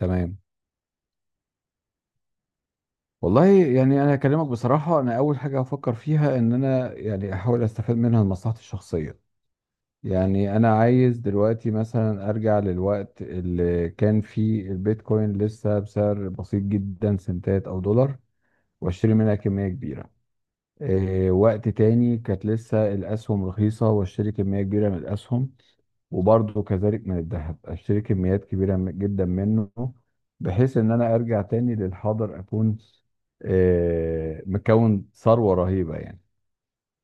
تمام. والله يعني انا اكلمك بصراحه، انا اول حاجه هفكر فيها ان انا احاول استفاد منها لمصلحتي الشخصيه. يعني انا عايز دلوقتي مثلا ارجع للوقت اللي كان فيه البيتكوين لسه بسعر بسيط جدا، سنتات او دولار، واشتري منها كميه كبيره. وقت تاني كانت لسه الأسهم رخيصة، واشتري كمية كبيرة من الأسهم. وبرضه كذلك من الذهب، اشتري كميات كبيرة جدا منه، بحيث ان انا ارجع تاني للحاضر اكون مكون ثروة رهيبة يعني.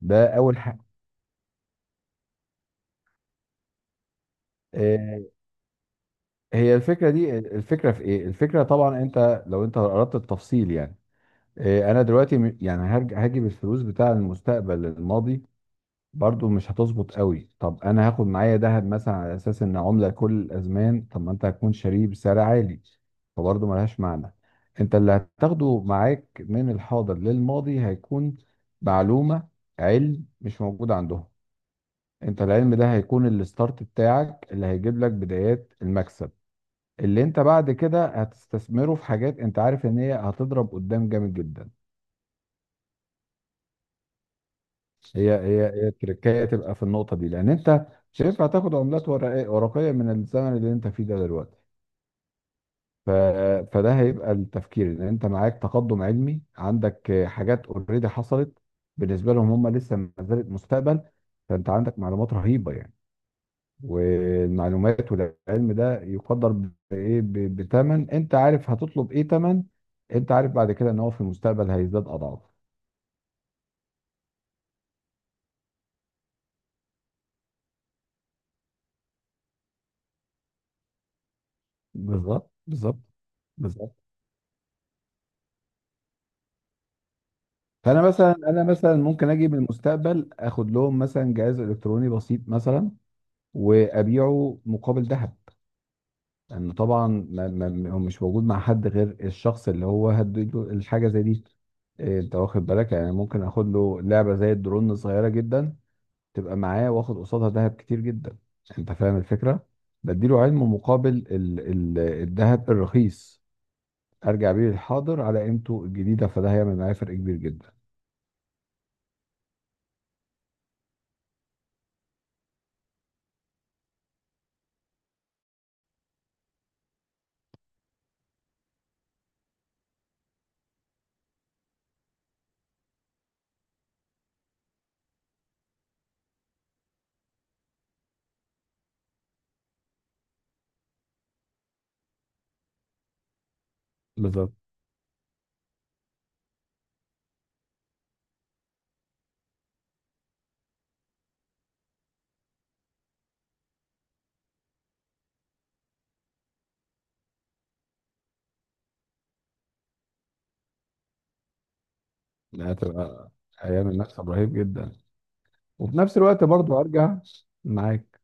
ده اول حاجة. آه، هي الفكرة دي، الفكرة في ايه؟ الفكرة طبعا انت، لو انت اردت التفصيل يعني، انا دلوقتي يعني هرجع هجيب الفلوس بتاع المستقبل الماضي، برضو مش هتظبط قوي. طب انا هاخد معايا ذهب مثلا، على اساس ان عملة كل الازمان، طب ما انت هتكون شاريه بسعر عالي، فبرضو ملهاش معنى. انت اللي هتاخده معاك من الحاضر للماضي هيكون معلومة، علم مش موجود عندهم. انت العلم ده هيكون الستارت بتاعك اللي هيجيب لك بدايات المكسب، اللي انت بعد كده هتستثمره في حاجات انت عارف ان هي هتضرب قدام جامد جدا. هي التركية تبقى في النقطة دي، لأن أنت مش هينفع تاخد عملات ورقية من الزمن اللي أنت فيه ده دلوقتي. ف... فده هيبقى التفكير، إن أنت معاك تقدم علمي، عندك حاجات أوريدي حصلت، بالنسبة لهم هم لسه ما زالت مستقبل. فأنت عندك معلومات رهيبة يعني، والمعلومات والعلم ده يقدر بإيه؟ بتمن. أنت عارف هتطلب إيه تمن، أنت عارف بعد كده إن هو في المستقبل هيزداد أضعاف. بالظبط بالظبط بالظبط. فانا مثلا، انا مثلا، ممكن اجي من المستقبل اخد لهم مثلا جهاز الكتروني بسيط مثلا، وابيعه مقابل ذهب. لان طبعا ما هو مش موجود مع حد غير الشخص اللي هو هديله الحاجه زي دي. انت واخد بالك؟ يعني ممكن اخد له لعبه زي الدرون صغيره جدا، تبقى معاه واخد قصادها ذهب كتير جدا. انت فاهم الفكره، بديله علم مقابل الذهب الرخيص، ارجع بيه للحاضر على قيمته الجديده، فده هيعمل معايا فرق كبير جدا. بالظبط. لا، هتبقى ايام، المكسب رهيب جدا. وفي نفس الوقت برضو ارجع معاك.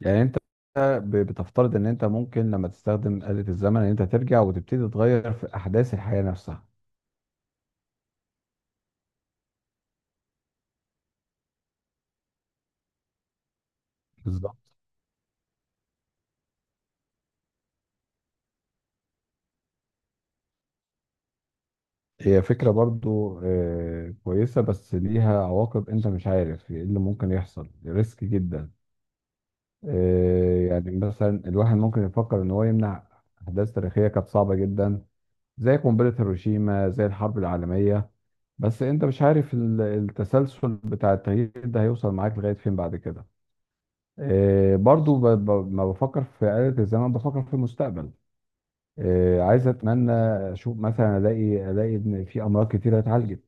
يعني انت بتفترض ان انت ممكن لما تستخدم آلة الزمن، ان انت ترجع وتبتدي تغير في احداث الحياة نفسها. بالظبط. هي فكرة برضو كويسة، بس ليها عواقب. انت مش عارف ايه اللي ممكن يحصل، ريسك جدا. يعني مثلا الواحد ممكن يفكر ان هو يمنع احداث تاريخية كانت صعبة جدا، زي قنبلة هيروشيما، زي الحرب العالمية. بس انت مش عارف التسلسل بتاع التغيير ده هيوصل معاك لغاية فين بعد كده. برضو ما بفكر في آلة الزمن، بفكر في المستقبل. عايز، اتمنى اشوف مثلا، الاقي، ان في امراض كتيرة اتعالجت.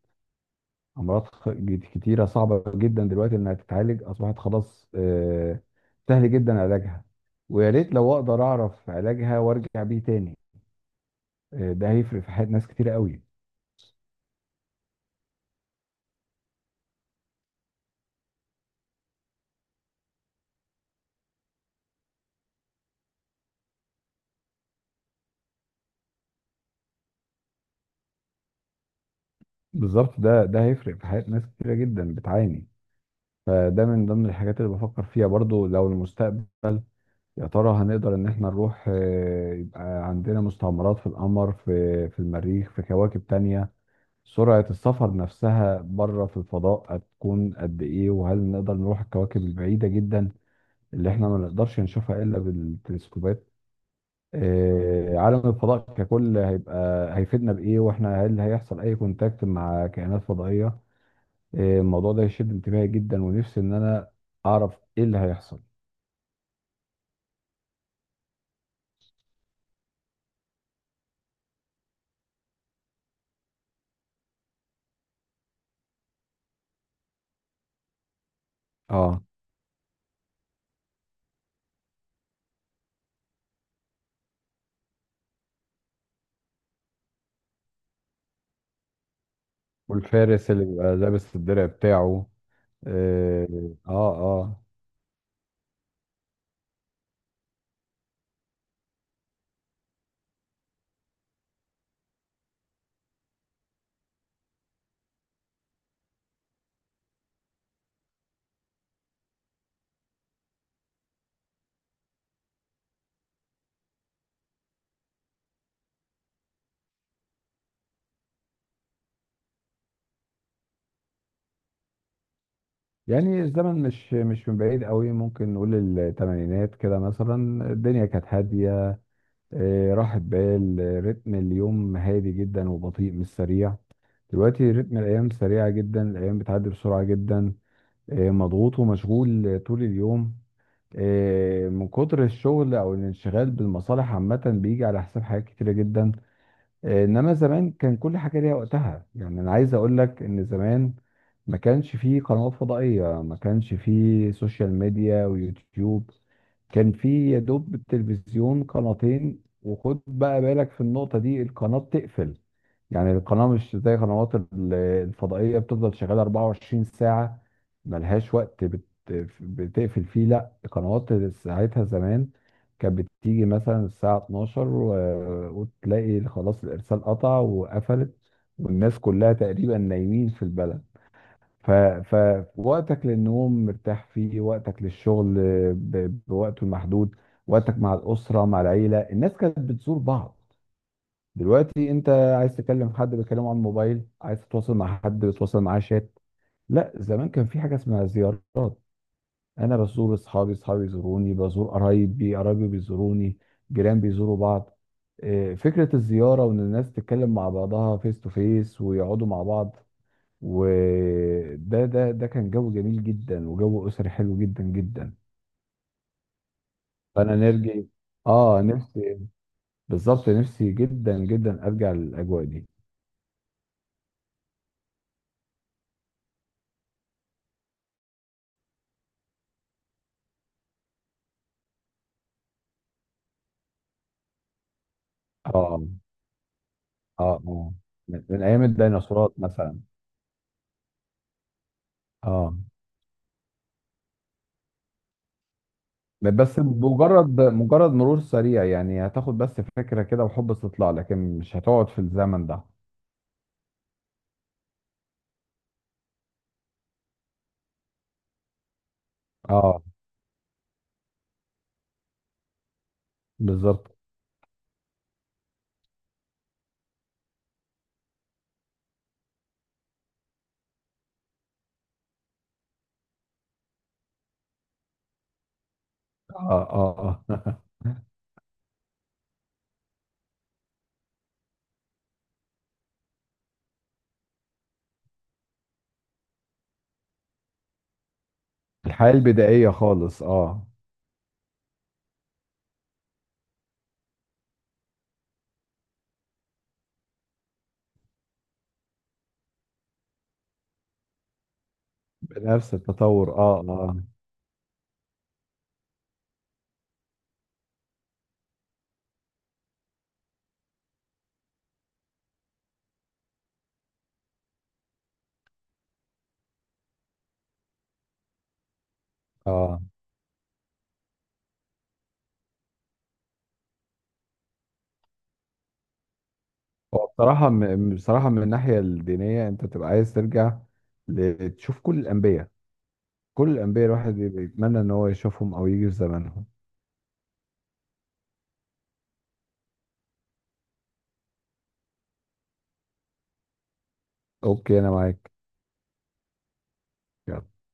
امراض كتيرة صعبة جدا دلوقتي انها تتعالج، اصبحت خلاص سهل جدا علاجها. ويا ريت لو اقدر اعرف علاجها وارجع بيه تاني. ده هيفرق في حياة ناس كتيرة قوي. بالظبط، ده هيفرق في حياة ناس كتيرة جدا بتعاني. فده من ضمن الحاجات اللي بفكر فيها برضو، لو المستقبل يا ترى هنقدر ان احنا نروح يبقى عندنا مستعمرات في القمر، في المريخ، في كواكب تانية. سرعة السفر نفسها بره في الفضاء هتكون قد ايه، وهل نقدر نروح الكواكب البعيدة جدا اللي احنا ما نقدرش نشوفها الا بالتلسكوبات؟ عالم الفضاء ككل هيبقى هيفيدنا بايه، واحنا هل هيحصل اي كونتاكت مع كائنات فضائية؟ الموضوع ده يشد انتباهي جدا، ونفسي ان انا اعرف ايه اللي هيحصل. اه. والفارس اللي بيبقى لابس الدرع بتاعه. إيه، اه. اه. يعني الزمن مش، من بعيد قوي، ممكن نقول الثمانينات كده مثلا. الدنيا كانت هادية، راحت بال رتم اليوم هادي جدا وبطيء، مش سريع. دلوقتي رتم الايام سريعة جدا، الايام بتعدي بسرعة جدا. مضغوط ومشغول طول اليوم. من كتر الشغل او الانشغال بالمصالح عامه، بيجي على حساب حاجات كتيره جدا. انما زمان كان كل حاجه ليها وقتها. يعني انا عايز اقول لك ان زمان ما كانش فيه قنوات فضائيه، ما كانش فيه سوشيال ميديا ويوتيوب. كان فيه يا دوب التلفزيون قناتين. وخد بقى بالك في النقطه دي، القناه بتقفل. يعني القناه مش زي قنوات الفضائيه بتفضل شغاله 24 ساعه، ملهاش وقت بتقفل فيه. لا، قنوات ساعتها زمان كانت بتيجي مثلا الساعة 12، وتلاقي خلاص الإرسال قطع وقفلت، والناس كلها تقريبا نايمين في البلد. ف... فوقتك للنوم مرتاح فيه، وقتك للشغل بوقته المحدود، وقتك مع الأسرة مع العيلة. الناس كانت بتزور بعض. دلوقتي انت عايز تكلم حد بتكلمه على الموبايل، عايز تتواصل مع حد بتتواصل معاه شات. لا، زمان كان في حاجة اسمها زيارات. انا بزور اصحابي، اصحابي بيزوروني، بزور قرايبي، قرايبي بيزوروني، جيران بيزوروا بعض. فكرة الزيارة، وان الناس تتكلم مع بعضها فيس تو فيس ويقعدوا مع بعض، وده ده ده كان جو جميل جدا، وجو اسري حلو جدا جدا. فانا نرجع. اه نفسي. بالظبط، نفسي جدا جدا ارجع للاجواء دي. اه. اه. اه. من من ايام الديناصورات مثلا. اه. بس مجرد مرور سريع، يعني هتاخد بس فكرة كده وحب استطلاع، لكن مش هتقعد في الزمن ده. اه. بالظبط. اه. اه. اه. الحياة البدائية خالص. اه، بنفس التطور. اه. اه. اه. هو بصراحة، بصراحة من الناحية الدينية انت تبقى عايز ترجع تشوف كل الأنبياء. كل الأنبياء الواحد بيتمنى ان هو يشوفهم او يجي في زمانهم. اوكي، انا معاك.